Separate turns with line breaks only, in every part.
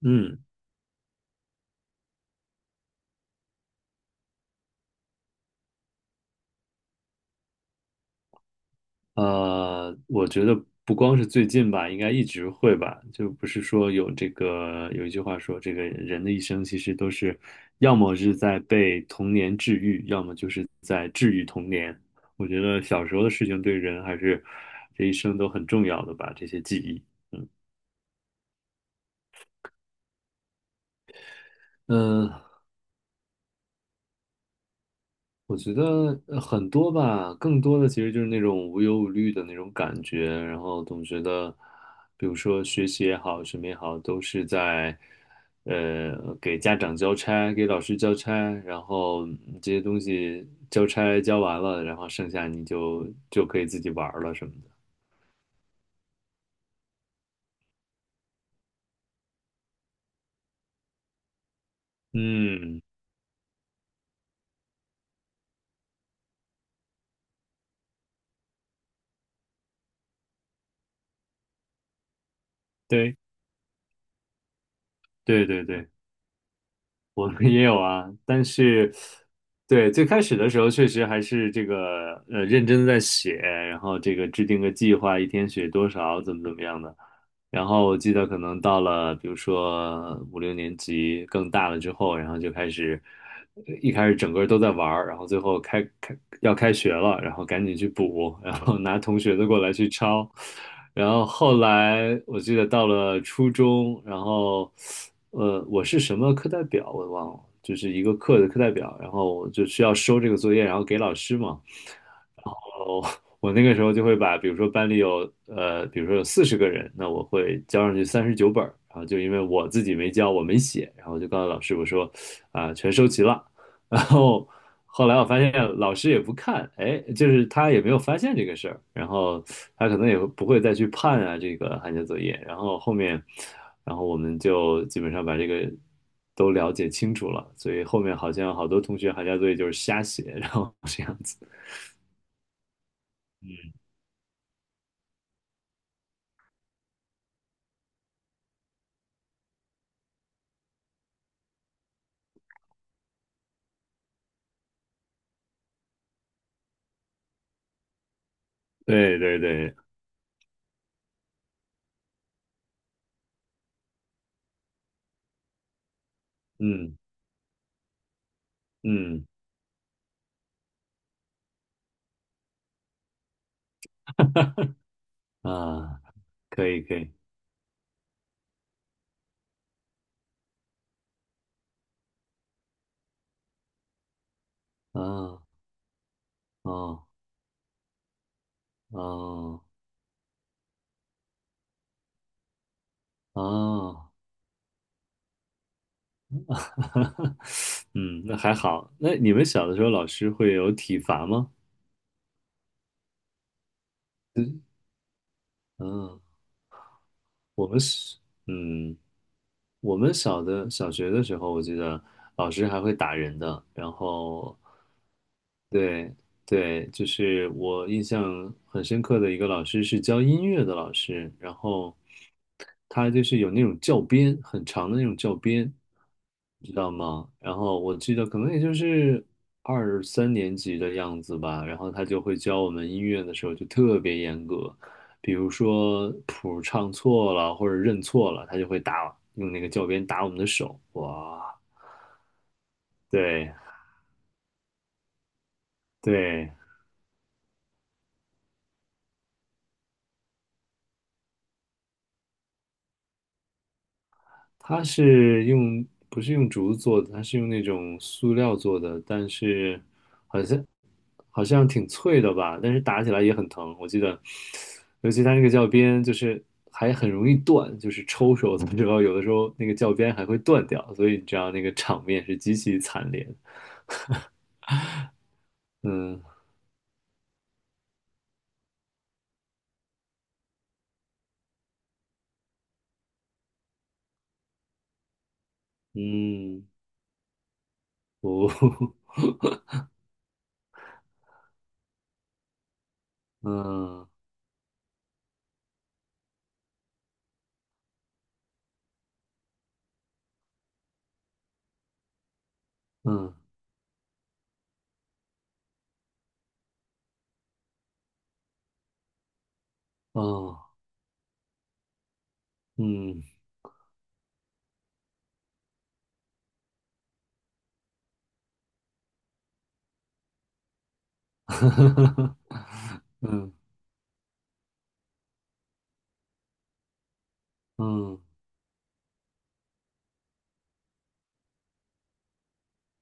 嗯，我觉得不光是最近吧，应该一直会吧。就不是说有这个有一句话说，这个人的一生其实都是，要么是在被童年治愈，要么就是在治愈童年。我觉得小时候的事情对人还是这一生都很重要的吧，这些记忆。嗯，我觉得很多吧，更多的其实就是那种无忧无虑的那种感觉，然后总觉得，比如说学习也好，什么也好，都是在，给家长交差，给老师交差，然后这些东西交差交完了，然后剩下你就可以自己玩儿了什么的。嗯，对对对对。我们也有啊，但是，对，最开始的时候确实还是这个认真地在写，然后这个制定个计划，一天写多少，怎么怎么样的。然后我记得可能到了比如说五六年级更大了之后，然后就开始一开始整个都在玩儿，然后最后要开学了，然后赶紧去补，然后拿同学的过来去抄。然后后来我记得到了初中，然后我是什么课代表我忘了，就是一个课的课代表，然后我就需要收这个作业，然后给老师嘛。哦，我那个时候就会把，比如说班里有,比如说有四十个人，那我会交上去三十九本儿，然后就因为我自己没交，我没写，然后我就告诉老师我说啊、全收齐了，然后后来我发现老师也不看，哎，就是他也没有发现这个事儿，然后他可能也不会再去判啊这个寒假作业，然后后面，然后我们就基本上把这个都了解清楚了，所以后面好像好多同学寒假作业就是瞎写，然后这样子，对对对。嗯嗯啊，可以可以啊哦哦哦，嗯，那还好。那你们小的时候老师会有体罚吗？嗯嗯，我们是嗯。我们小的小学的时候，我记得老师还会打人的，然后对对，就是我印象很深刻的一个老师是教音乐的老师，然后他就是有那种教鞭，很长的那种教鞭，知道吗？然后我记得可能也就是二三年级的样子吧，然后他就会教我们音乐的时候就特别严格，比如说谱唱错了或者认错了，他就会打，用那个教鞭打我们的手，哇，对对。它是用，不是用竹子做的，它是用那种塑料做的，但是好像挺脆的吧，但是打起来也很疼。我记得，尤其它那个教鞭，就是还很容易断，就是抽手的时候，有的时候那个教鞭还会断掉，所以你知道那个场面是极其惨烈的嗯嗯哦，嗯嗯哦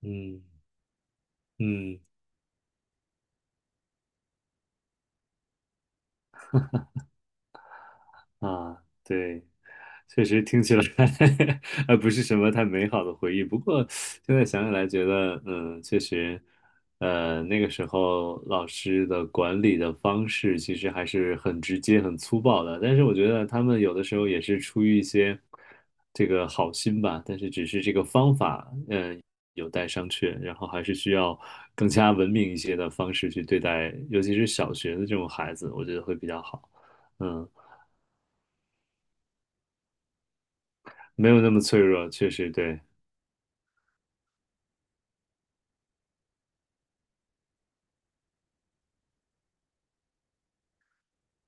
嗯嗯嗯嗯嗯啊，对。确实听起来 不是什么太美好的回忆，不过现在想起来觉得，嗯，确实，那个时候老师的管理的方式其实还是很直接、很粗暴的，但是我觉得他们有的时候也是出于一些这个好心吧，但是只是这个方法，嗯，有待商榷，然后还是需要更加文明一些的方式去对待，尤其是小学的这种孩子，我觉得会比较好，嗯，没有那么脆弱，确实对。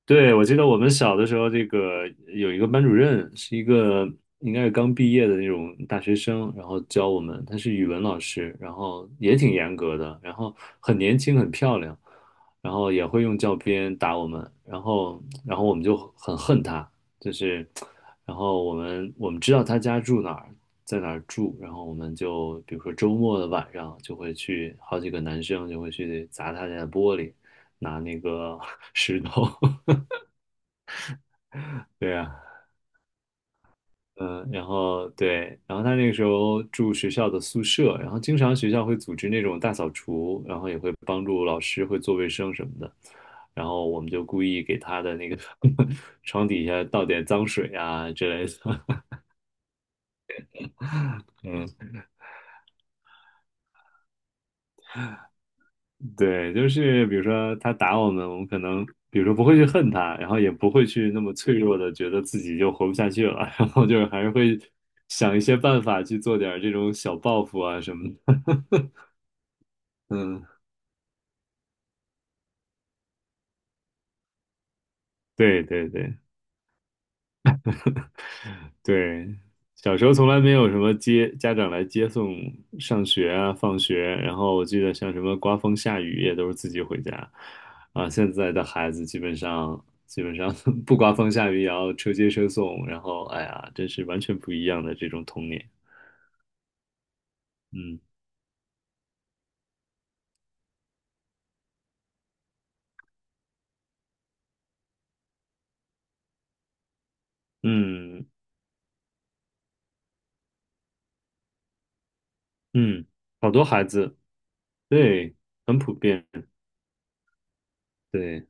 对，我记得我们小的时候，这个有一个班主任，是一个应该是刚毕业的那种大学生，然后教我们，他是语文老师，然后也挺严格的，然后很年轻，很漂亮，然后也会用教鞭打我们，然后我们就很恨他，就是，然后我们知道他家住哪儿，在哪儿住，然后我们就比如说周末的晚上就会去，好几个男生就会去砸他家的玻璃，拿那个 石头。对呀，嗯，然后对，然后他那个时候住学校的宿舍，然后经常学校会组织那种大扫除，然后也会帮助老师会做卫生什么的，然后我们就故意给他的那个 床底下倒点脏水啊之类的，嗯，对，就是比如说他打我们，我们可能比如说不会去恨他，然后也不会去那么脆弱的觉得自己就活不下去了，然后就是还是会想一些办法去做点儿这种小报复啊什么的，嗯。对对对对，小时候从来没有什么接家长来接送上学啊、放学，然后我记得像什么刮风下雨也都是自己回家，啊，现在的孩子基本上 不刮风下雨也要车接车送，然后哎呀，真是完全不一样的这种童年，嗯嗯嗯，好多孩子，对，很普遍，对。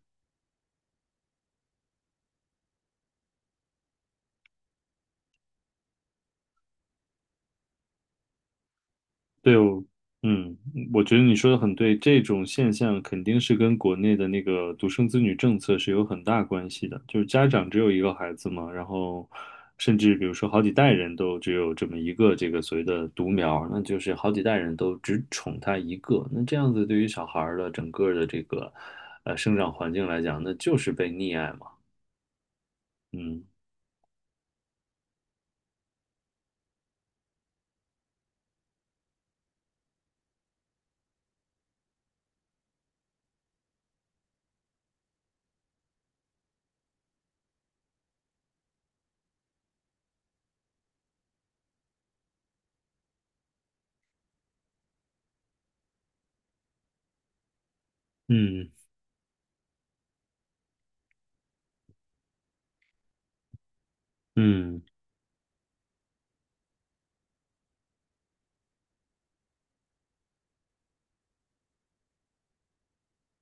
对，哦，嗯，我觉得你说的很对，这种现象肯定是跟国内的那个独生子女政策是有很大关系的。就是家长只有一个孩子嘛，然后甚至比如说好几代人都只有这么一个这个所谓的独苗，那就是好几代人都只宠他一个。那这样子对于小孩儿的整个的这个生长环境来讲，那就是被溺爱嘛。嗯嗯嗯。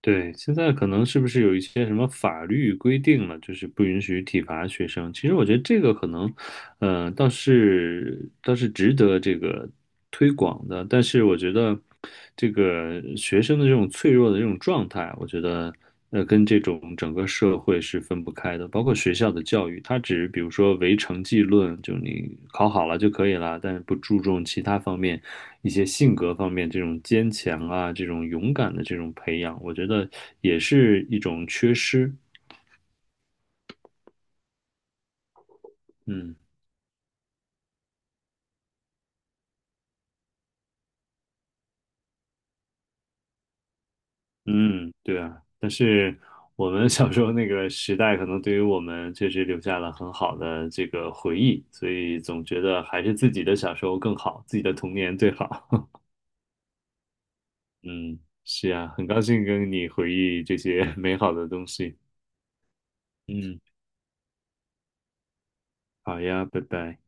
对，现在可能是不是有一些什么法律规定了，就是不允许体罚学生？其实我觉得这个可能，倒是值得这个推广的。但是我觉得这个学生的这种脆弱的这种状态，我觉得。跟这种整个社会是分不开的，包括学校的教育，它只比如说唯成绩论，就你考好了就可以了，但是不注重其他方面，一些性格方面这种坚强啊，这种勇敢的这种培养，我觉得也是一种缺失。嗯嗯，对啊，但是我们小时候那个时代，可能对于我们确实留下了很好的这个回忆，所以总觉得还是自己的小时候更好，自己的童年最好。嗯，是呀，很高兴跟你回忆这些 美好的东西。嗯，好呀，拜拜。